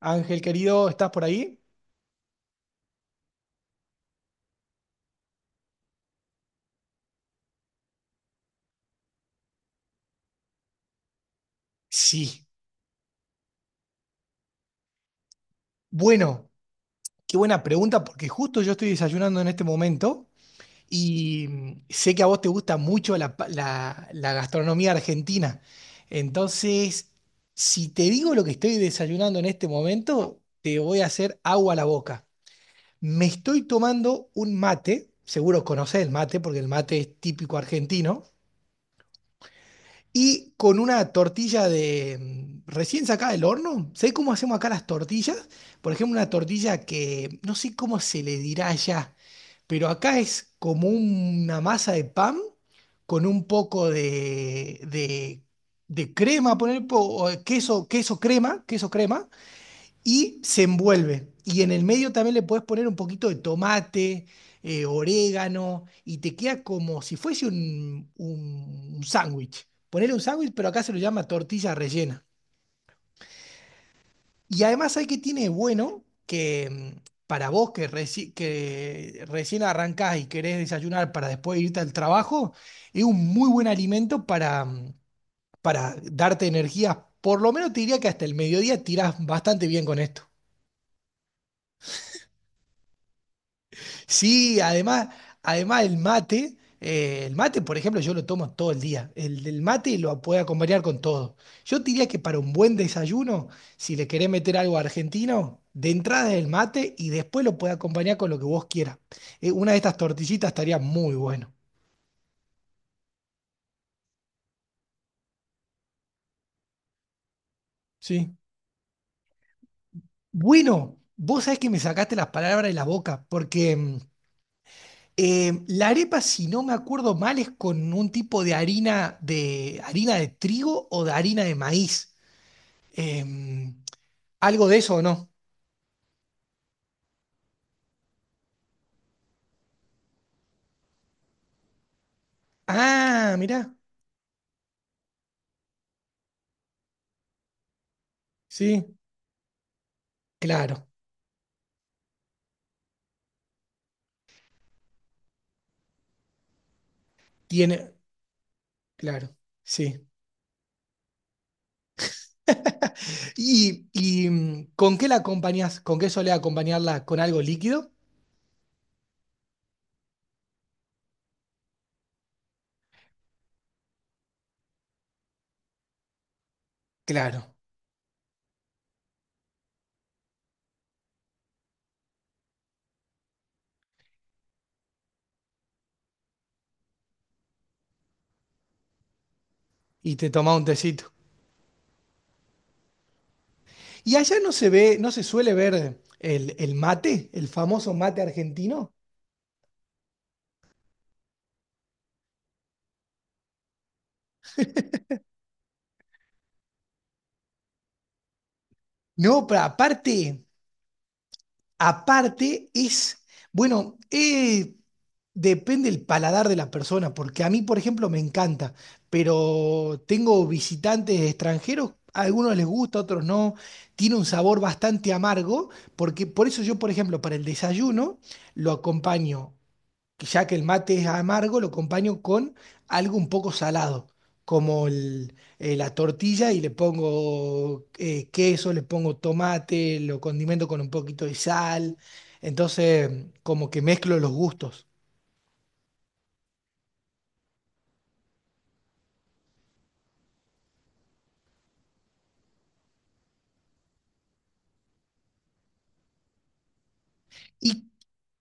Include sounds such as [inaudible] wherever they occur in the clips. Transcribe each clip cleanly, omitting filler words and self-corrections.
Ángel querido, ¿estás por ahí? Sí. Bueno, qué buena pregunta porque justo yo estoy desayunando en este momento y sé que a vos te gusta mucho la gastronomía argentina. Entonces, si te digo lo que estoy desayunando en este momento, te voy a hacer agua a la boca. Me estoy tomando un mate, seguro conocés el mate porque el mate es típico argentino. Y con una tortilla de recién sacada del horno. ¿Sabés cómo hacemos acá las tortillas? Por ejemplo, una tortilla que no sé cómo se le dirá allá, pero acá es como una masa de pan con un poco de crema, poner po- o queso, queso crema, y se envuelve. Y en el medio también le puedes poner un poquito de tomate, orégano, y te queda como si fuese un sándwich. Ponerle un sándwich, pero acá se lo llama tortilla rellena. Y además hay que tiene de bueno que mm, para vos que, que recién arrancás y querés desayunar para después irte al trabajo, es un muy buen alimento para, para darte energía. Por lo menos te diría que hasta el mediodía tirás bastante bien con esto. Sí, además, además el mate, por ejemplo, yo lo tomo todo el día. El mate lo puede acompañar con todo. Yo te diría que para un buen desayuno, si le querés meter algo argentino, de entrada es el mate y después lo puede acompañar con lo que vos quieras. Una de estas tortillitas estaría muy bueno. Sí. Bueno, vos sabés que me sacaste las palabras de la boca, porque la arepa, si no me acuerdo mal, es con un tipo de harina de harina de trigo o de harina de maíz. Em, ¿Algo de eso o no? Ah, mirá, sí, claro, tiene, claro, sí. [laughs] ¿ con qué la acompañás? ¿Con qué solés acompañarla? ¿Con algo líquido? Claro, y te tomás un tecito. ¿Y allá no se ve, no se suele ver el mate, el famoso mate argentino? No, pero aparte... Aparte es, bueno, depende el paladar de la persona, porque a mí, por ejemplo, me encanta, pero tengo visitantes extranjeros, a algunos les gusta, a otros no, tiene un sabor bastante amargo, porque por eso yo, por ejemplo, para el desayuno lo acompaño que ya que el mate es amargo, lo acompaño con algo un poco salado, como la tortilla y le pongo queso, le pongo tomate, lo condimento con un poquito de sal. Entonces, como que mezclo los gustos. ¿Y,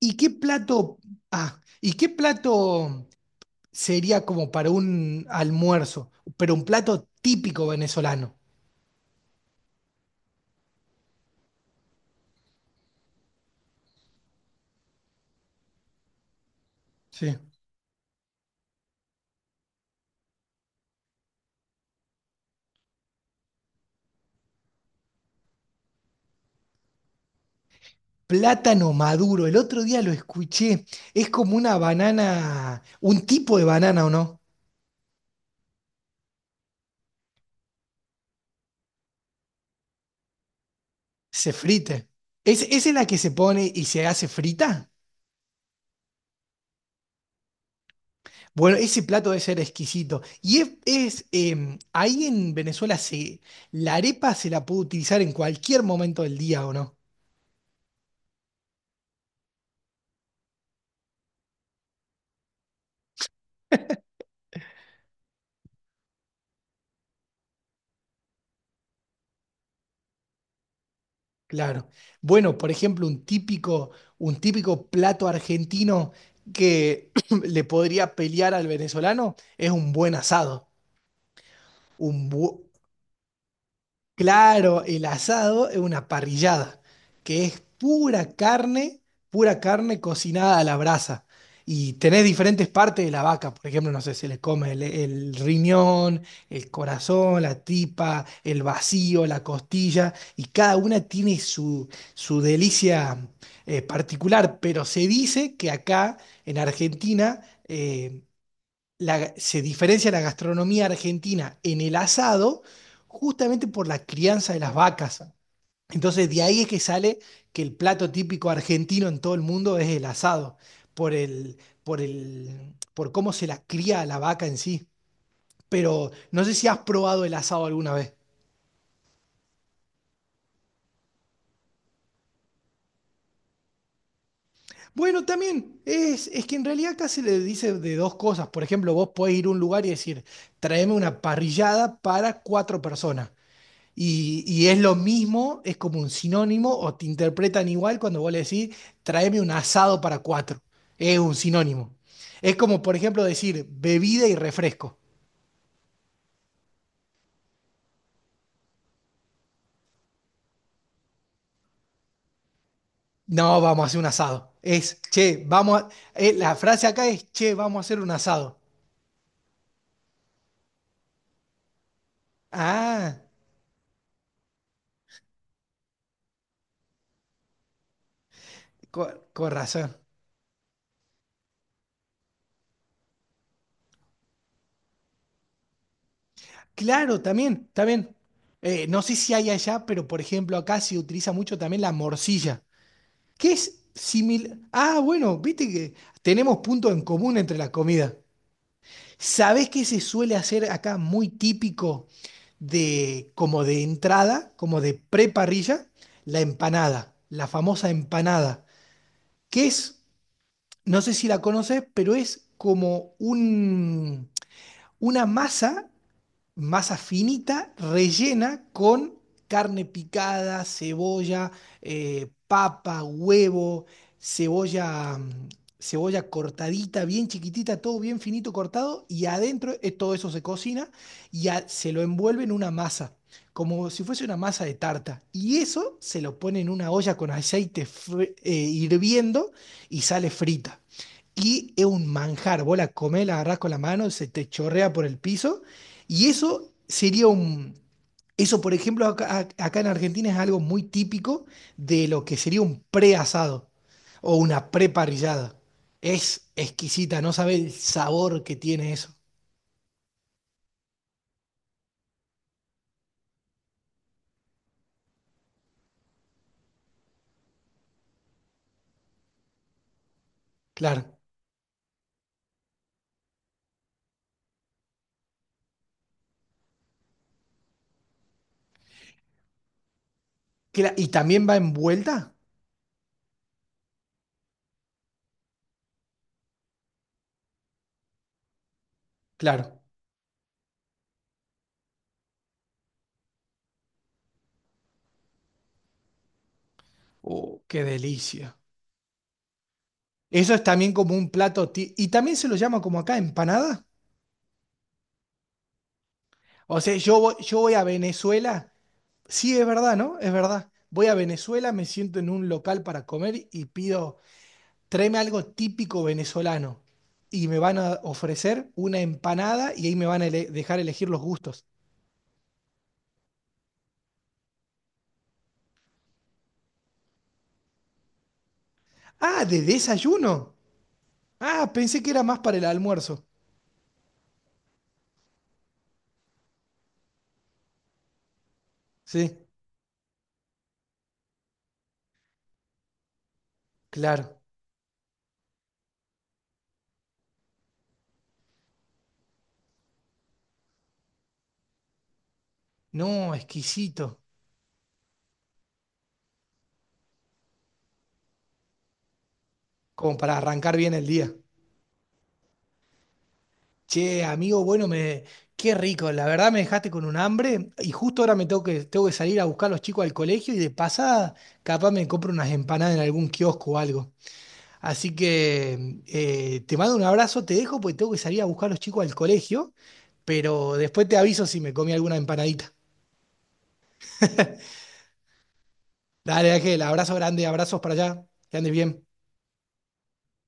y qué plato, y qué plato sería como para un almuerzo, pero un plato típico venezolano? Sí. Plátano maduro. El otro día lo escuché. Es como una banana, un tipo de banana, ¿o no? Se frite. ¿Es, esa es la que se pone y se hace frita? Bueno, ese plato debe ser exquisito. Ahí en Venezuela se, la arepa se la puede utilizar en cualquier momento del día, ¿o no? Claro. Bueno, por ejemplo, un típico plato argentino que [clears throat] le podría pelear al venezolano es un buen asado. Un bu- Claro, el asado es una parrillada, que es pura carne cocinada a la brasa. Y tenés diferentes partes de la vaca, por ejemplo, no sé, se le come el riñón, el corazón, la tripa, el vacío, la costilla, y cada una tiene su, su delicia particular, pero se dice que acá en Argentina eh, se diferencia la gastronomía argentina en el asado justamente por la crianza de las vacas. Entonces de ahí es que sale que el plato típico argentino en todo el mundo es el asado, por el, por cómo se la cría a la vaca en sí. Pero no sé si has probado el asado alguna vez. Bueno, también es que en realidad acá se le dice de dos cosas. Por ejemplo, vos podés ir a un lugar y decir, tráeme una parrillada para cuatro personas. Y es lo mismo, es como un sinónimo, o te interpretan igual cuando vos le decís, tráeme un asado para cuatro. Es un sinónimo. Es como, por ejemplo, decir bebida y refresco. No, vamos a hacer un asado. Es, che, vamos a- La frase acá es, che, vamos a hacer un asado. Ah, con razón. Claro, también, también. No sé si hay allá, pero por ejemplo acá se utiliza mucho también la morcilla. ¿Qué es similar? Ah, bueno, viste que tenemos puntos en común entre las comidas. ¿Sabés qué se suele hacer acá muy típico de como de entrada, como de preparrilla? La empanada, la famosa empanada, que es, no sé si la conoces, pero es como un, una masa masa finita, rellena con carne picada, cebolla, papa, huevo, cebolla, cebolla cortadita, bien chiquitita, todo bien finito cortado, y adentro todo eso se cocina y se lo envuelve en una masa, como si fuese una masa de tarta. Y eso se lo pone en una olla con aceite hirviendo y sale frita. Y es un manjar, vos la comés, la agarrás con la mano, se te chorrea por el piso y eso sería un... Eso, por ejemplo, acá en Argentina es algo muy típico de lo que sería un preasado o una preparrillada. Es exquisita, no sabe el sabor que tiene eso. Claro. ¿Y también va envuelta? Claro. Oh, qué delicia. Eso es también como un plato. Y también se lo llama como acá, empanada. O sea, yo voy a Venezuela. Sí, es verdad, ¿no? Es verdad. Voy a Venezuela, me siento en un local para comer y pido tráeme algo típico venezolano y me van a ofrecer una empanada y ahí me van a dejar elegir los gustos. Ah, de desayuno. Ah, pensé que era más para el almuerzo. Sí, claro. No, exquisito. Como para arrancar bien el día. Che, amigo, bueno, me... qué rico. La verdad me dejaste con un hambre y justo ahora tengo que salir a buscar a los chicos al colegio y de pasada capaz me compro unas empanadas en algún kiosco o algo. Así que te mando un abrazo, te dejo porque tengo que salir a buscar a los chicos al colegio, pero después te aviso si me comí alguna empanadita. Dale, Ángel, abrazo grande, abrazos para allá, que andes bien.